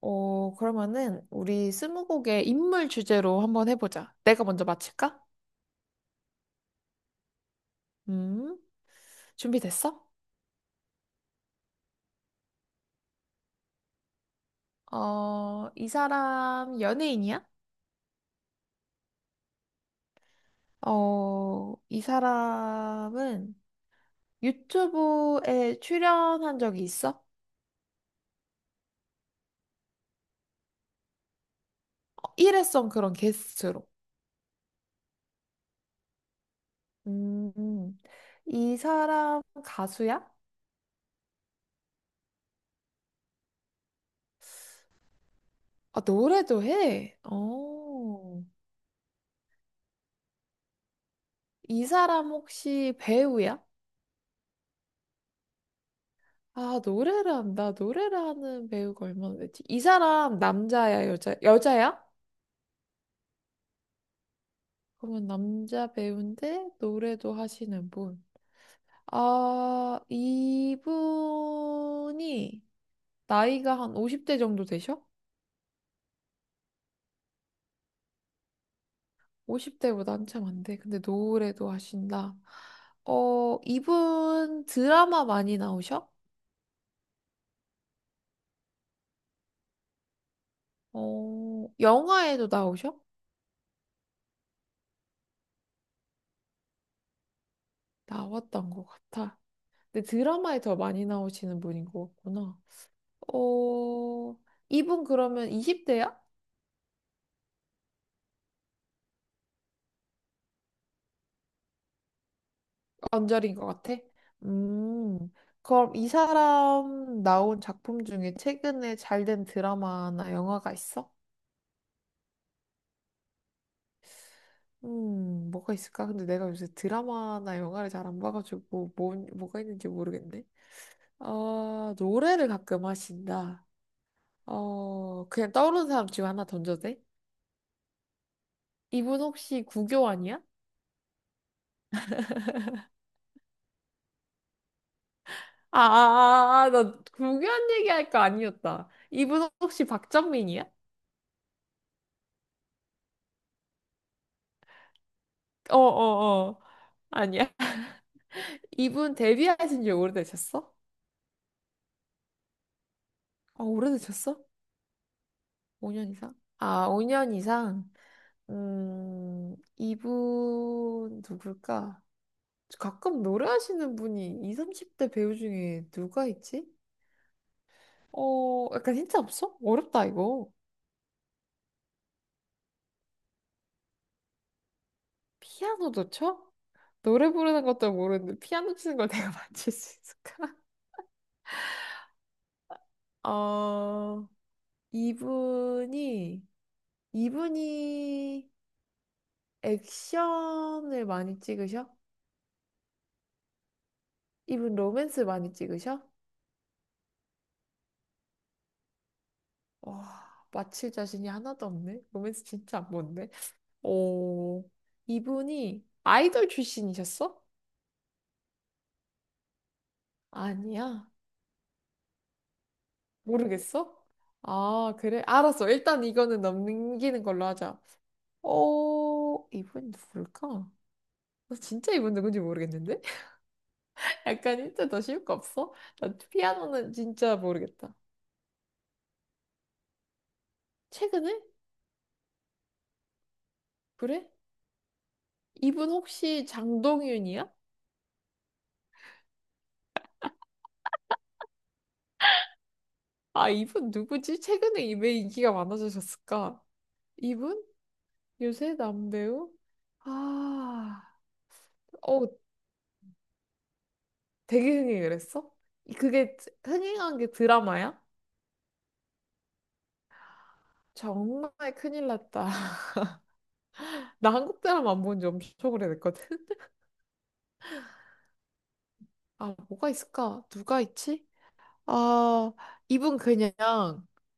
어, 그러면은 우리 스무고개 인물 주제로 한번 해보자. 내가 먼저 맞힐까? 음, 준비됐어? 어, 이 사람 연예인이야? 어, 이 사람은 유튜브에 출연한 적이 있어? 어, 일회성 그런 게스트로. 음, 이 사람 가수야? 아, 노래도 해. 어, 이 사람 혹시 배우야? 아, 노래를 한다. 노래를 하는 배우가 얼마나 되지? 이 사람 남자야, 여자야? 그러면 남자 배우인데 노래도 하시는 분. 아, 이분이 나이가 한 50대 정도 되셔? 50대보다 한참 안 돼. 근데 노래도 하신다. 어, 이분 드라마 많이 나오셔? 어, 영화에도 나오셔? 나왔던 것 같아. 근데 드라마에 더 많이 나오시는 분인 것 같구나. 어, 이분 그러면 20대야? 언저리인 것 같아. 음, 그럼 이 사람 나온 작품 중에 최근에 잘 된 드라마나 영화가 있어? 뭐가 있을까? 근데 내가 요새 드라마나 영화를 잘 안 봐가지고 뭐, 뭐가 있는지 모르겠네. 어, 노래를 가끔 하신다. 어, 그냥 떠오르는 사람 지금 하나 던져도 돼? 이분 혹시 구교환이야? 아, 나 구교환 얘기할 거 아니었다. 이분 혹시 박정민이야? 어, 어, 어. 아니야. 이분 데뷔하신 지 오래되셨어? 아, 오래되셨어? 5년 이상? 아, 5년 이상? 이분 누굴까? 가끔 노래하시는 분이 20, 30대 배우 중에 누가 있지? 어, 약간 힌트 없어? 어렵다, 이거. 피아노도 쳐? 노래 부르는 것도 모르는데 피아노 치는 걸 내가 맞출 수 있을까? 어, 이분이, 이분이 액션을 많이 찍으셔? 이분 로맨스 많이 찍으셔? 와, 맞힐 자신이 하나도 없네. 로맨스 진짜 안 본데. 오, 이분이 아이돌 출신이셨어? 아니야. 모르겠어? 아, 그래? 알았어. 일단 이거는 넘기는 걸로 하자. 어, 이분 누굴까? 나 진짜 이분 누군지 모르겠는데? 약간 힌트 더 쉬울 거 없어? 나 피아노는 진짜 모르겠다. 최근에? 그래? 이분 혹시 장동윤이야? 아, 이분 누구지? 최근에 왜 인기가 많아지셨을까? 이분? 요새 남배우? 아, 어, 되게 흥행 그랬어? 그게 흥행한 게 드라마야? 정말 큰일 났다. 나 한국 드라마 안 본 지 엄청 오래됐거든. 아, 뭐가 있을까? 누가 있지? 아, 이분 그냥,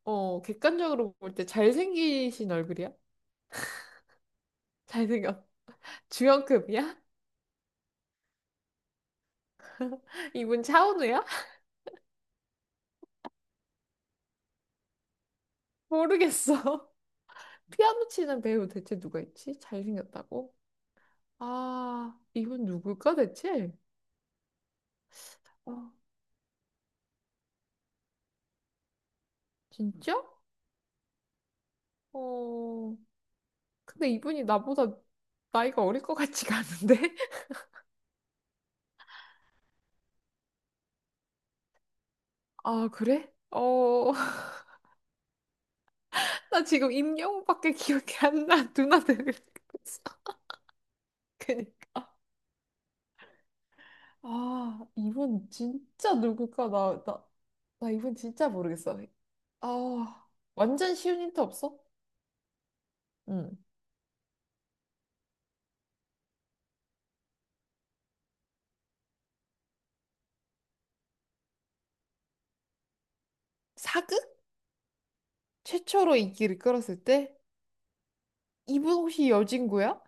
어, 객관적으로 볼 때 잘생기신 얼굴이야? 잘생겼. 주연급이야? 이분 차은우야? 모르겠어. 피아노 치는 배우 대체 누가 있지? 잘생겼다고? 아, 이분 누굴까 대체? 아, 진짜? 어, 근데 이분이 나보다 나이가 어릴 것 같지가 않은데? 아, 그래? 어, 나 지금 임영웅밖에 기억이 안 나. 누나 되는 거였어. 그니까. 아, 이분 진짜 누굴까? 나 이분 진짜 모르겠어. 아, 완전 쉬운 힌트 없어? 응. 사극? 최초로 인기를 끌었을 때? 이분 혹시 여진구야?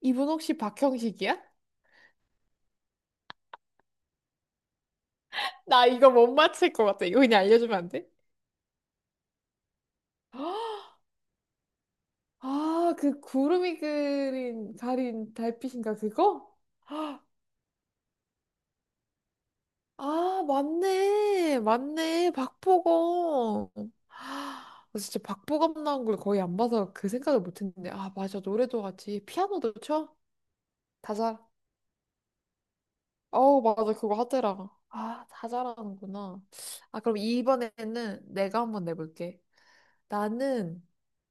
이분 혹시 박형식이야? 나 이거 못 맞힐 것 같아. 이거 그냥 알려주면 안 돼? 아, 그 구름이 그린 가린 달빛인가 그거? 아, 맞네. 맞네. 박보검. 아, 나 진짜 박보검 나온 걸 거의 안 봐서 그 생각을 못 했는데. 아, 맞아. 노래도 같이 피아노도 쳐? 다 잘. 어우, 맞아. 그거 하더라. 아, 다 잘하는구나. 아, 그럼 이번에는 내가 한번 내볼게. 나는,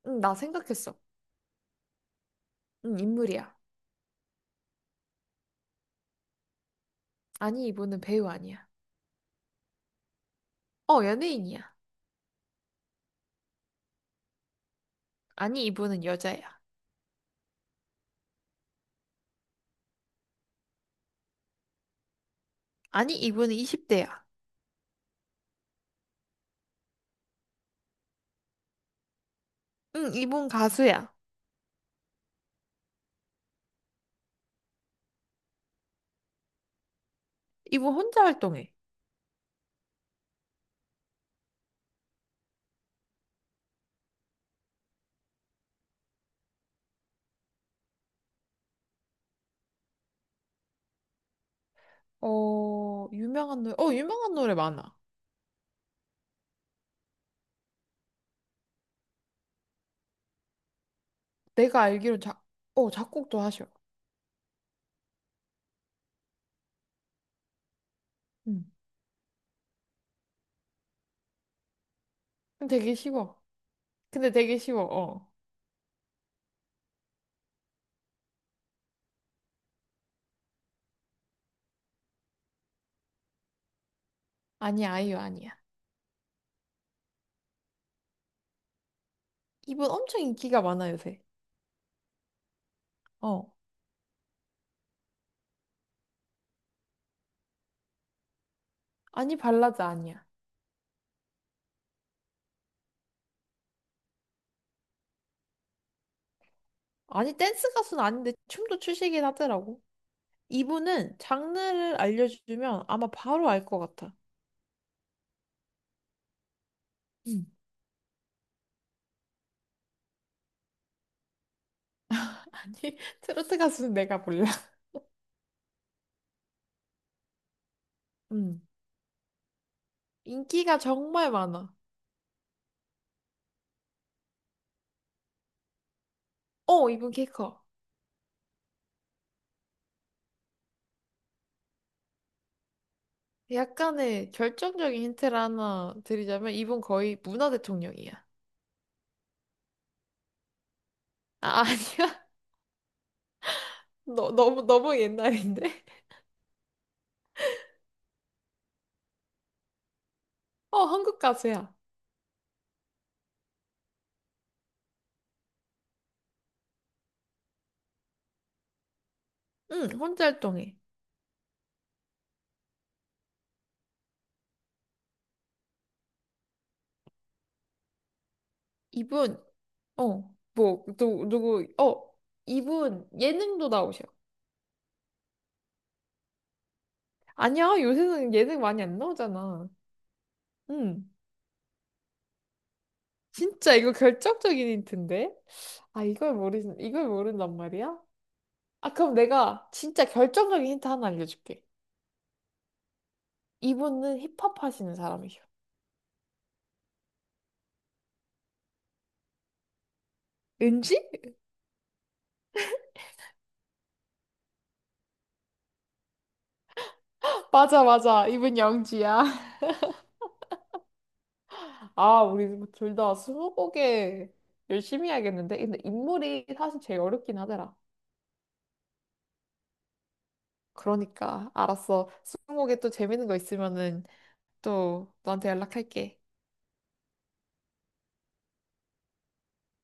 응, 나 생각했어. 응, 인물이야. 아니, 이분은 배우 아니야. 어, 연예인이야. 아니, 이분은 여자야. 아니, 이분은 20대야. 응, 이분 가수야. 이분 혼자 활동해. 어, 유명한 노래 많아. 내가 알기로 작곡도 하셔. 응. 근데 되게 쉬워. 근데 되게 쉬워, 어. 아니, 아이유 아니야. 이분 엄청 인기가 많아, 요새. 어. 아니, 발라드 아니야. 아니, 댄스 가수는 아닌데 춤도 추시긴 하더라고. 이분은 장르를 알려주면 아마 바로 알 것 같아. 음. 아니, 트로트 가수는 내가 몰라. 음. 인기가 정말 많아. 어, 이분 키 커. 약간의 결정적인 힌트를 하나 드리자면 이분 거의 문화 대통령이야. 아, 아니야? 너무, 너무 옛날인데? 어, 한국 가수야. 응, 혼자 활동해. 이분, 어, 뭐, 누, 누구, 어, 이분 예능도 나오셔. 아니야, 요새는 예능 많이 안 나오잖아. 응. 진짜 이거 결정적인 힌트인데? 아, 이걸 모른단 말이야? 아, 그럼 내가 진짜 결정적인 힌트 하나 알려줄게. 이분은 힙합 하시는 사람이셔. 은지? 맞아, 맞아. 이분 영지야. 아, 우리 둘 다 스무고개 열심히 해야겠는데? 근데 인물이 사실 제일 어렵긴 하더라. 그러니까, 알았어. 스무고개 또 재밌는 거 있으면은 또 너한테 연락할게.